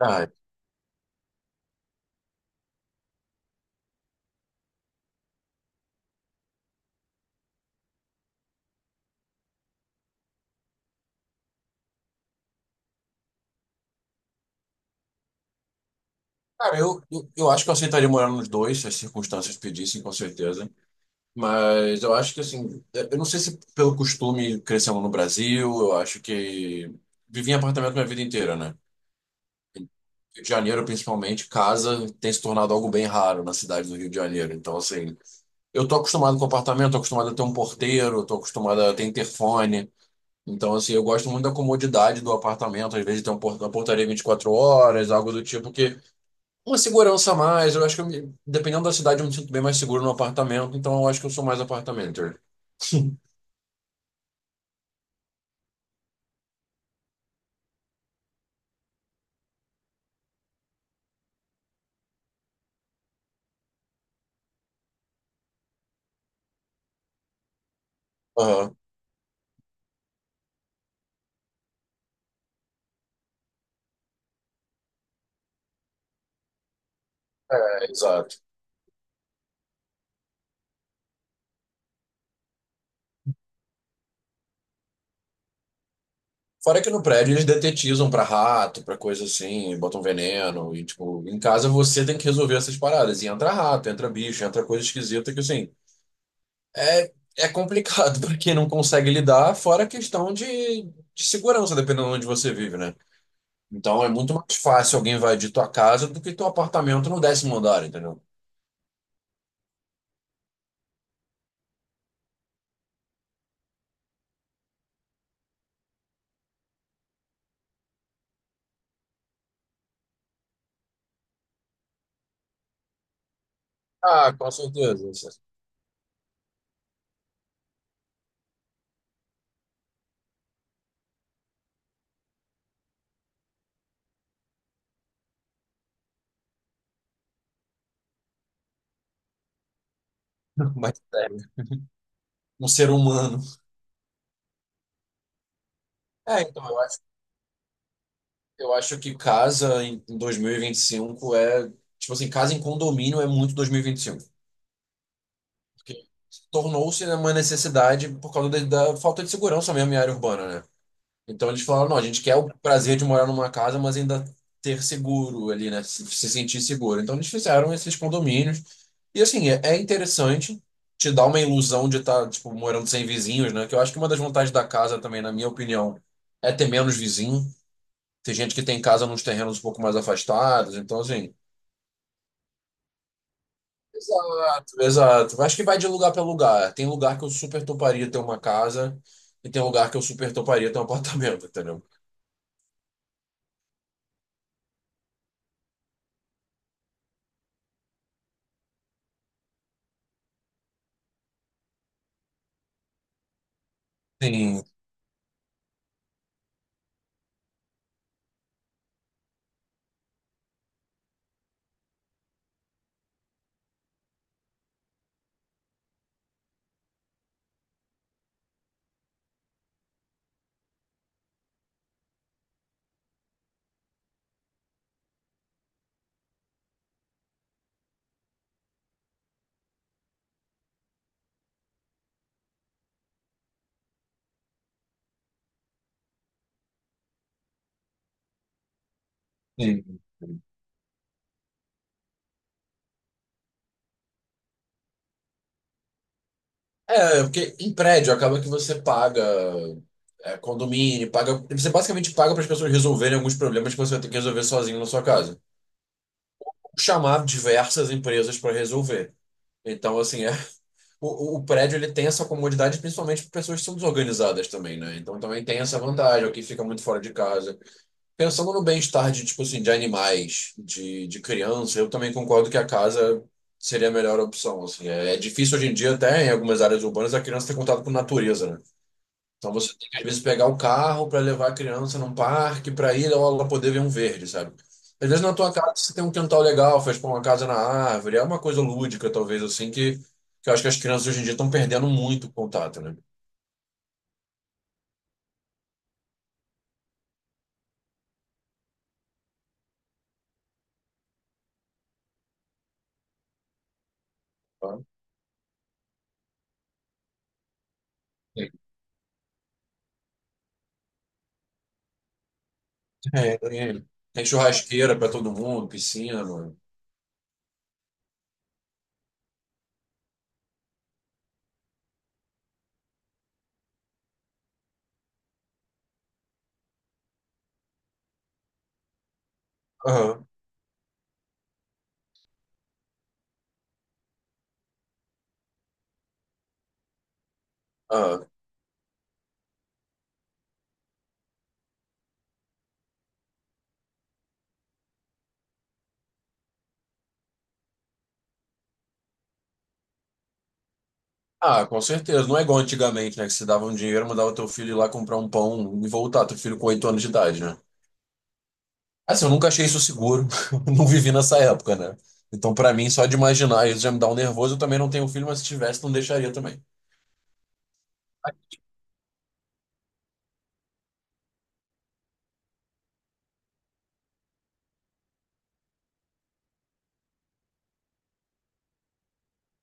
Ah, cara, eu acho que eu aceitaria morar nos dois, se as circunstâncias pedissem, com certeza. Mas eu acho que, assim, eu não sei se pelo costume crescendo no Brasil, eu acho que vivi em apartamento minha vida inteira, né? Rio de Janeiro, principalmente, casa tem se tornado algo bem raro na cidade do Rio de Janeiro. Então, assim, eu tô acostumado com apartamento, tô acostumado a ter um porteiro, tô acostumado a ter interfone. Então, assim, eu gosto muito da comodidade do apartamento, às vezes tem uma portaria 24 horas, algo do tipo que. Uma segurança a mais. Eu acho que, dependendo da cidade, eu me sinto bem mais seguro no apartamento. Então, eu acho que eu sou mais apartamenter. Aham. É, exato. Fora que no prédio eles detetizam pra rato, pra coisa assim, botam veneno. E, tipo, em casa você tem que resolver essas paradas. E entra rato, entra bicho, entra coisa esquisita que, assim, é, é complicado pra quem não consegue lidar. Fora a questão de segurança, dependendo de onde você vive, né? Então, é muito mais fácil alguém invadir tua casa do que teu apartamento no décimo andar, entendeu? Ah, com certeza. Mas é, um ser humano. É, então, eu acho que casa em 2025 é. Tipo assim, casa em condomínio é muito 2025. Porque tornou-se uma necessidade por causa da falta de segurança mesmo em área urbana, né? Então eles falaram: não, a gente quer o prazer de morar numa casa, mas ainda ter seguro ali, né? Se sentir seguro. Então eles fizeram esses condomínios. E assim, é, é interessante. Te dá uma ilusão de estar, tipo, morando sem vizinhos, né? Que eu acho que uma das vantagens da casa também, na minha opinião, é ter menos vizinho. Tem gente que tem casa nos terrenos um pouco mais afastados, então assim. Exato, exato. Acho que vai de lugar para lugar. Tem lugar que eu super toparia ter uma casa e tem lugar que eu super toparia ter um apartamento, entendeu? Sim, sim. É, porque em prédio acaba que você paga é, condomínio, paga. Você basicamente paga para as pessoas resolverem alguns problemas que você vai ter que resolver sozinho na sua casa. Chamar diversas empresas para resolver. Então, assim, é o prédio ele tem essa comodidade principalmente para pessoas que são desorganizadas também, né? Então também tem essa vantagem, o que fica muito fora de casa. Pensando no bem-estar de, tipo assim, de animais, de criança, eu também concordo que a casa seria a melhor opção, assim. É, é difícil hoje em dia até em algumas áreas urbanas a criança ter contato com natureza, né? Então você tem que, às vezes, pegar o carro para levar a criança num parque, para ir ou ela poder ver um verde, sabe? Às vezes na tua casa você tem um quintal legal, faz pô, uma casa na árvore, é uma coisa lúdica, talvez, assim, que eu acho que as crianças hoje em dia estão perdendo muito contato, né? Tá? É, tem churrasqueira para todo mundo, piscina. Aham, aham. Ah, com certeza. Não é igual antigamente, né? Que você dava um dinheiro, mandava teu filho ir lá comprar um pão e voltar, teu filho com 8 anos de idade, né? Assim, eu nunca achei isso seguro, não vivi nessa época, né? Então, pra mim, só de imaginar isso já me dá um nervoso. Eu também não tenho filho, mas se tivesse, não deixaria também.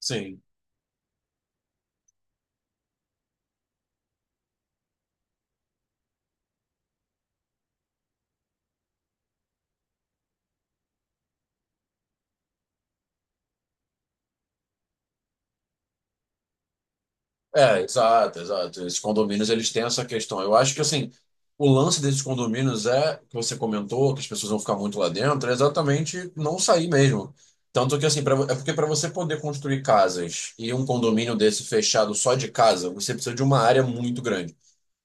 Sim. É, exato, exato. Esses condomínios, eles têm essa questão. Eu acho que, assim, o lance desses condomínios é, que você comentou, que as pessoas vão ficar muito lá dentro, é exatamente não sair mesmo. Tanto que, assim, é porque para você poder construir casas e um condomínio desse fechado só de casa, você precisa de uma área muito grande.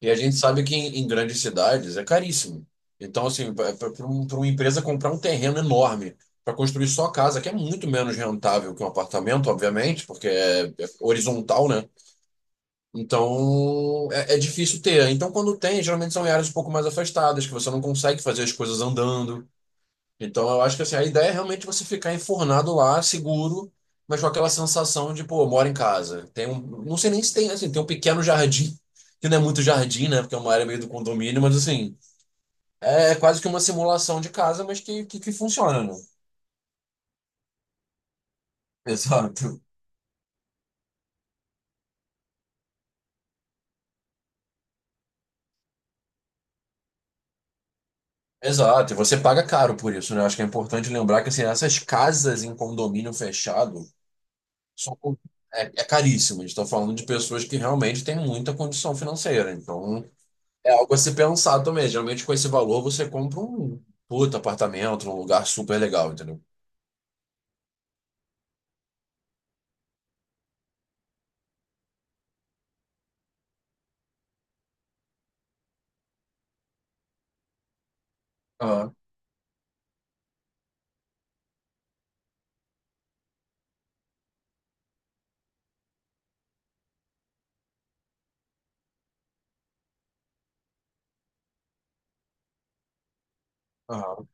E a gente sabe que em grandes cidades é caríssimo. Então, assim, para uma empresa comprar um terreno enorme para construir só casa, que é muito menos rentável que um apartamento, obviamente, porque é, é horizontal, né? Então, é difícil ter. Então, quando tem, geralmente são em áreas um pouco mais afastadas, que você não consegue fazer as coisas andando. Então eu acho que assim, a ideia é realmente você ficar enfornado lá, seguro, mas com aquela sensação de, pô, eu moro em casa. Tem um, não sei nem se tem, assim, tem um pequeno jardim, que não é muito jardim, né? Porque é uma área meio do condomínio, mas assim, é quase que uma simulação de casa, mas que funciona, né? Exato. Exato, e você paga caro por isso, né? Acho que é importante lembrar que assim, essas casas em condomínio fechado são, é caríssimas. Estou falando de pessoas que realmente têm muita condição financeira. Então, é algo a se pensar também. Geralmente, com esse valor, você compra um puta apartamento num lugar super legal, entendeu? Aham, aham.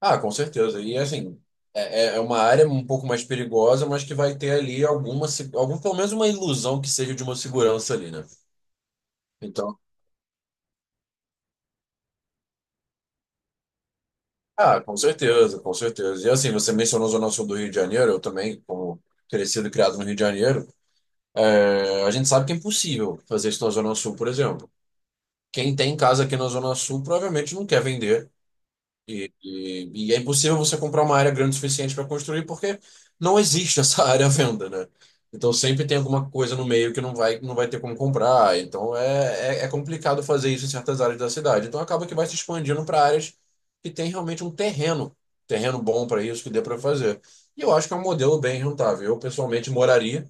Ah, com certeza. E assim, é, é uma área um pouco mais perigosa, mas que vai ter ali alguma, se- algum, pelo menos uma ilusão que seja de uma segurança ali, né? Então, ah, com certeza, com certeza. E assim, você mencionou a Zona Sul do Rio de Janeiro, eu também, como crescido e criado no Rio de Janeiro, é, a gente sabe que é impossível fazer isso na Zona Sul, por exemplo. Quem tem casa aqui na Zona Sul provavelmente não quer vender. E é impossível você comprar uma área grande o suficiente para construir, porque não existe essa área à venda, né? Então sempre tem alguma coisa no meio que não vai ter como comprar. Então é, é complicado fazer isso em certas áreas da cidade. Então acaba que vai se expandindo para áreas que tem realmente um terreno bom para isso que dê para fazer. E eu acho que é um modelo bem rentável. Eu pessoalmente moraria.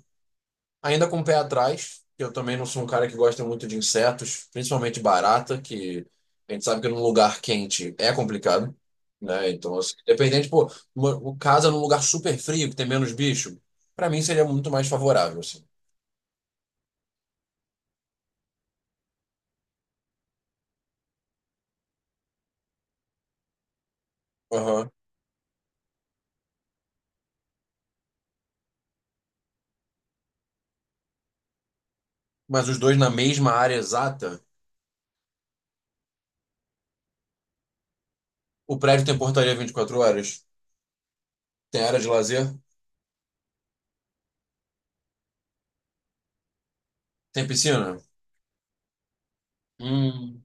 Ainda com o pé atrás, que eu também não sou um cara que gosta muito de insetos, principalmente barata, que a gente sabe que num lugar quente é complicado, né? Então, assim, dependente, pô, uma casa num lugar super frio, que tem menos bicho, pra mim seria muito mais favorável, assim. Aham. Mas os dois na mesma área exata, o prédio tem portaria 24 horas, tem área de lazer, tem piscina. Hum.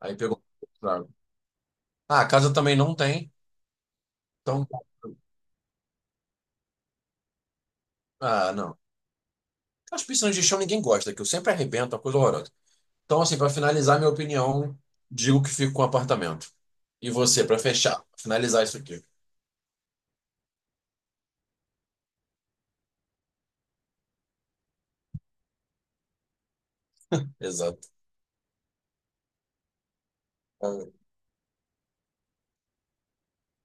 Aí pegou. Claro. Ah, a casa também não tem, então. Ah, não. As piscinas de chão ninguém gosta, que eu sempre arrebento, é uma coisa horrorosa. Então, assim, para finalizar minha opinião, digo que fico com apartamento. E você, para fechar, finalizar isso aqui. Exato.